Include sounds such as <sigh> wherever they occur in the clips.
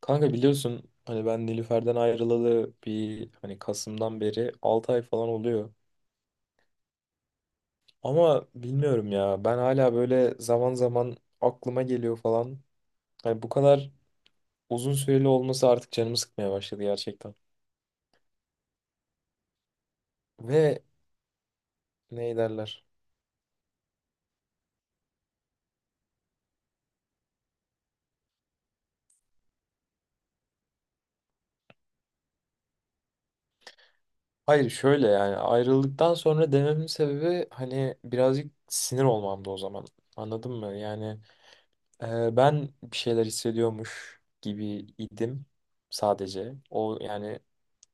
Kanka biliyorsun hani ben Nilüfer'den ayrılalı hani Kasım'dan beri 6 ay falan oluyor. Ama bilmiyorum ya ben hala böyle zaman zaman aklıma geliyor falan. Hani bu kadar uzun süreli olması artık canımı sıkmaya başladı gerçekten. Ve ne derler? Hayır, şöyle yani ayrıldıktan sonra dememin sebebi hani birazcık sinir olmamdı o zaman. Anladın mı? Yani ben bir şeyler hissediyormuş gibi idim sadece. O yani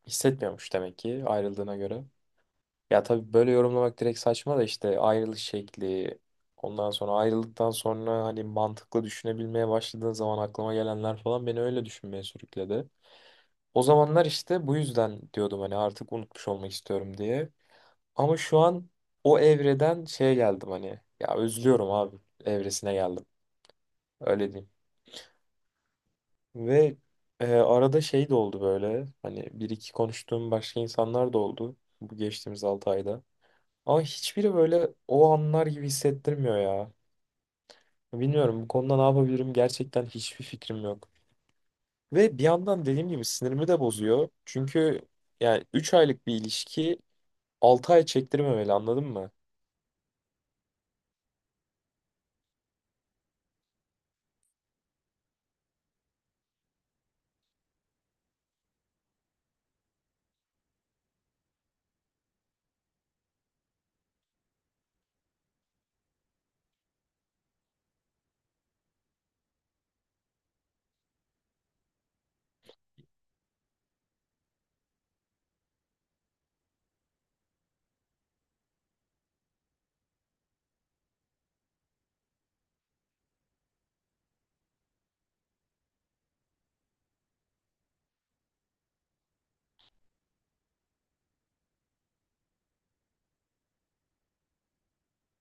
hissetmiyormuş demek ki ayrıldığına göre. Ya tabii böyle yorumlamak direkt saçma da işte ayrılış şekli, ondan sonra ayrıldıktan sonra hani mantıklı düşünebilmeye başladığın zaman aklıma gelenler falan beni öyle düşünmeye sürükledi. O zamanlar işte bu yüzden diyordum hani artık unutmuş olmak istiyorum diye. Ama şu an o evreden şeye geldim, hani ya özlüyorum abi evresine geldim, öyle diyeyim. Ve arada şey de oldu, böyle hani bir iki konuştuğum başka insanlar da oldu bu geçtiğimiz 6 ayda. Ama hiçbiri böyle o anlar gibi hissettirmiyor ya. Bilmiyorum bu konuda ne yapabilirim, gerçekten hiçbir fikrim yok. Ve bir yandan dediğim gibi sinirimi de bozuyor. Çünkü yani 3 aylık bir ilişki 6 ay çektirmemeli, anladın mı?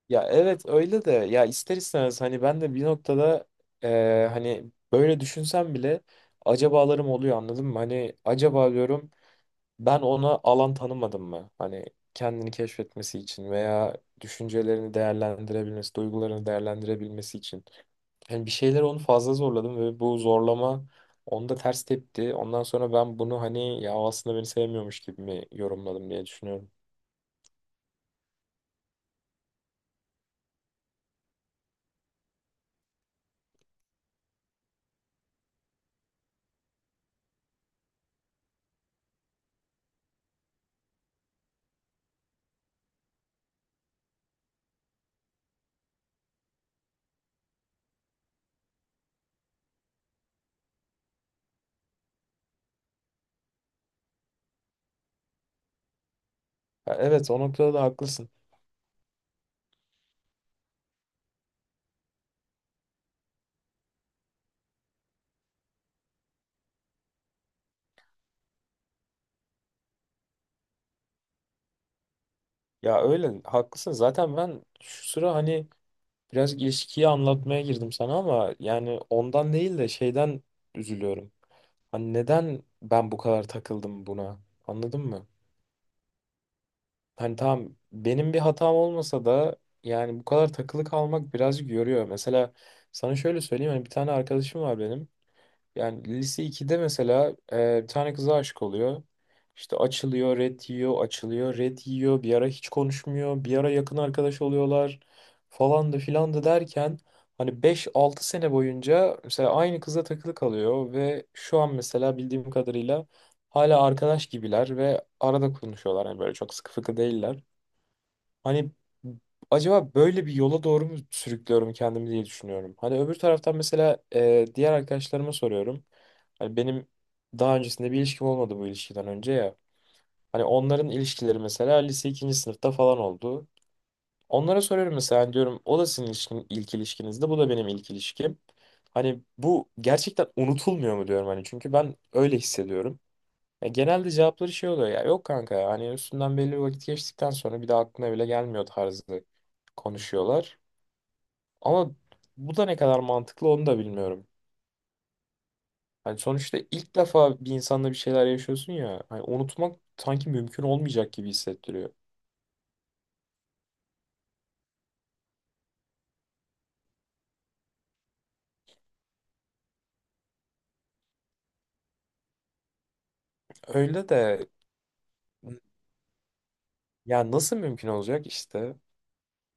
Ya evet öyle de ya, ister istemez hani ben de bir noktada hani böyle düşünsem bile acabalarım oluyor, anladın mı? Hani acaba diyorum, ben ona alan tanımadım mı? Hani kendini keşfetmesi için veya düşüncelerini değerlendirebilmesi, duygularını değerlendirebilmesi için. Yani bir şeyler onu fazla zorladım ve bu zorlama onda ters tepti. Ondan sonra ben bunu hani ya o aslında beni sevmiyormuş gibi mi yorumladım diye düşünüyorum. Ya evet, o noktada da haklısın. Ya öyle haklısın. Zaten ben şu sıra hani biraz ilişkiyi anlatmaya girdim sana, ama yani ondan değil de şeyden üzülüyorum. Hani neden ben bu kadar takıldım buna? Anladın mı? Hani tamam, benim bir hatam olmasa da yani bu kadar takılı kalmak birazcık yoruyor. Mesela sana şöyle söyleyeyim, hani bir tane arkadaşım var benim. Yani lise ikide mesela bir tane kıza aşık oluyor. İşte açılıyor, red yiyor, açılıyor, red yiyor. Bir ara hiç konuşmuyor. Bir ara yakın arkadaş oluyorlar, falan da filan da derken hani beş altı sene boyunca mesela aynı kıza takılı kalıyor ve şu an mesela bildiğim kadarıyla hala arkadaş gibiler ve arada konuşuyorlar. Yani böyle çok sıkı fıkı değiller. Hani acaba böyle bir yola doğru mu sürüklüyorum kendimi diye düşünüyorum. Hani öbür taraftan mesela diğer arkadaşlarıma soruyorum. Hani benim daha öncesinde bir ilişkim olmadı bu ilişkiden önce ya. Hani onların ilişkileri mesela lise ikinci sınıfta falan oldu. Onlara soruyorum mesela, hani diyorum o da sizin ilişkin, ilk ilişkinizdi, bu da benim ilk ilişkim. Hani bu gerçekten unutulmuyor mu diyorum, hani çünkü ben öyle hissediyorum. Ya genelde cevapları şey oluyor ya. Yok kanka ya, hani üstünden belli bir vakit geçtikten sonra bir de aklına bile gelmiyor tarzı konuşuyorlar. Ama bu da ne kadar mantıklı onu da bilmiyorum. Hani sonuçta ilk defa bir insanla bir şeyler yaşıyorsun ya. Hani unutmak sanki mümkün olmayacak gibi hissettiriyor. Öyle de ya, nasıl mümkün olacak işte.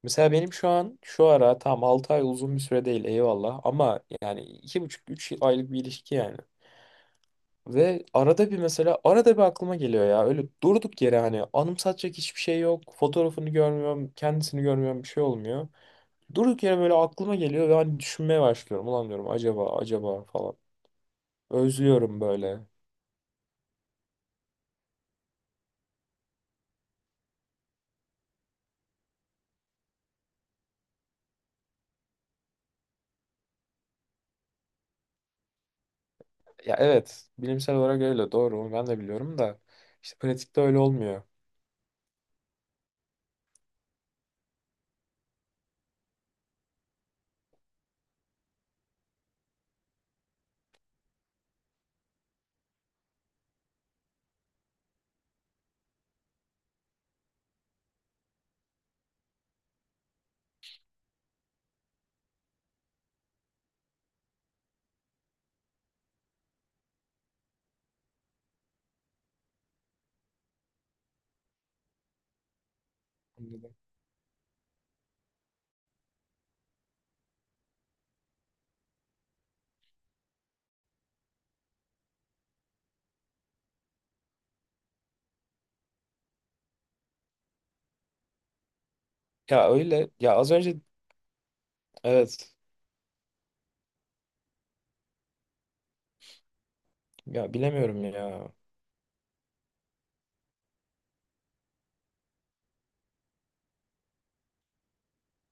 Mesela benim şu an şu ara tam 6 ay, uzun bir süre değil eyvallah, ama yani iki buçuk üç aylık bir ilişki yani. Ve arada bir mesela, arada bir aklıma geliyor ya, öyle durduk yere, hani anımsatacak hiçbir şey yok. Fotoğrafını görmüyorum, kendisini görmüyorum, bir şey olmuyor. Durduk yere böyle aklıma geliyor ve hani düşünmeye başlıyorum. Ulan diyorum, acaba acaba falan. Özlüyorum böyle. Ya evet, bilimsel olarak öyle doğru, onu ben de biliyorum da işte pratikte öyle olmuyor. Anladım. Ya öyle ya, az önce evet, ya bilemiyorum ya,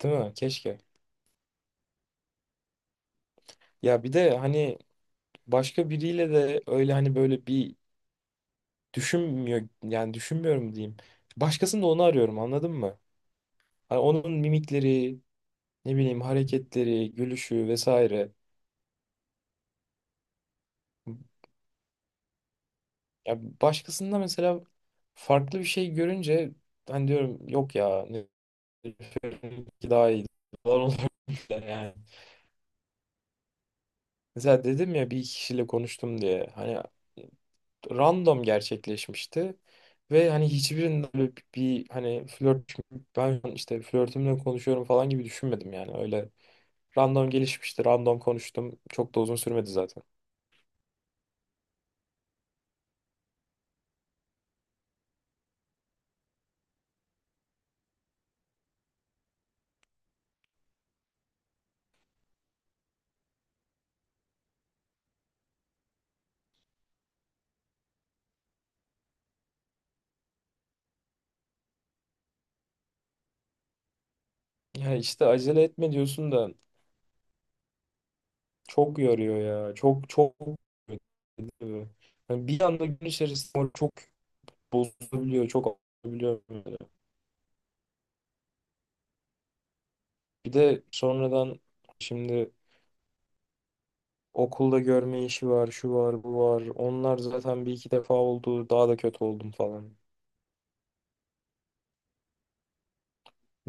değil mi keşke. Ya bir de hani başka biriyle de öyle hani böyle bir düşünmüyor, yani düşünmüyorum diyeyim. Başkasında onu arıyorum, anladın mı? Hani onun mimikleri, ne bileyim hareketleri, gülüşü vesaire. Ya başkasında mesela farklı bir şey görünce hani diyorum yok ya ki daha iyi <laughs> falan olabilir yani. Mesela dedim ya, bir iki kişiyle konuştum diye. Hani random gerçekleşmişti. Ve hani hiçbirinde böyle bir hani flört, ben işte flörtümle konuşuyorum falan gibi düşünmedim, yani öyle. Random gelişmişti. Random konuştum. Çok da uzun sürmedi zaten. Ya işte acele etme diyorsun da çok yoruyor ya. Çok çok yoruyor. Yani bir anda gün içerisinde çok bozulabiliyor. Çok olabiliyor böyle. Bir de sonradan şimdi okulda görme işi var, şu var, bu var. Onlar zaten bir iki defa oldu. Daha da kötü oldum falan.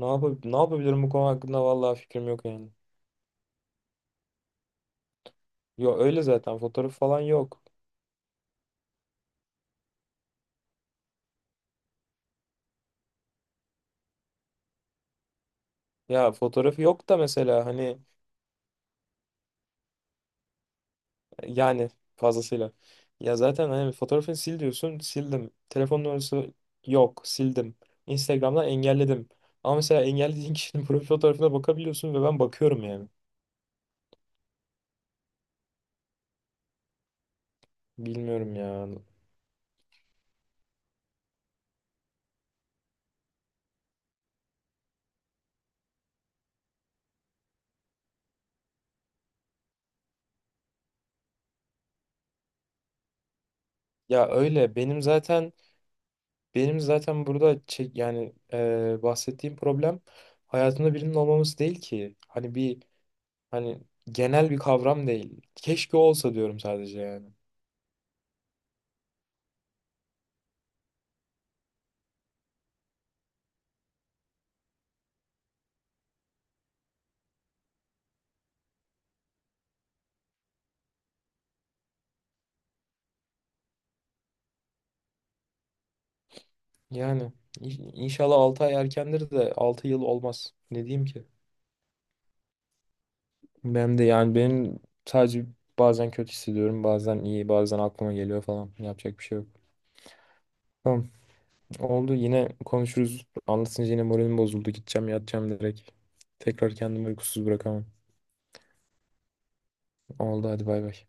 Ne yapabilirim bu konu hakkında, vallahi fikrim yok yani. Yo, öyle zaten fotoğraf falan yok. Ya fotoğrafı yok da mesela hani yani fazlasıyla. Ya zaten hani fotoğrafını sil diyorsun, sildim. Telefon numarası yok, sildim. Instagram'dan engelledim. Ama mesela engellediğin kişinin <laughs> profil fotoğrafına bakabiliyorsun ve ben bakıyorum yani. Bilmiyorum ya. Ya öyle benim zaten, benim zaten burada çek, yani bahsettiğim problem hayatında birinin olmaması değil ki. Hani bir, hani genel bir kavram değil. Keşke olsa diyorum sadece yani. Yani inşallah 6 ay erkendir de 6 yıl olmaz. Ne diyeyim ki? Ben de yani, benim sadece bazen kötü hissediyorum, bazen iyi, bazen aklıma geliyor falan. Yapacak bir şey yok. Tamam. Oldu. Yine konuşuruz. Anlatınca yine moralim bozuldu. Gideceğim, yatacağım direkt. Tekrar kendimi uykusuz bırakamam. Oldu. Hadi bay bay.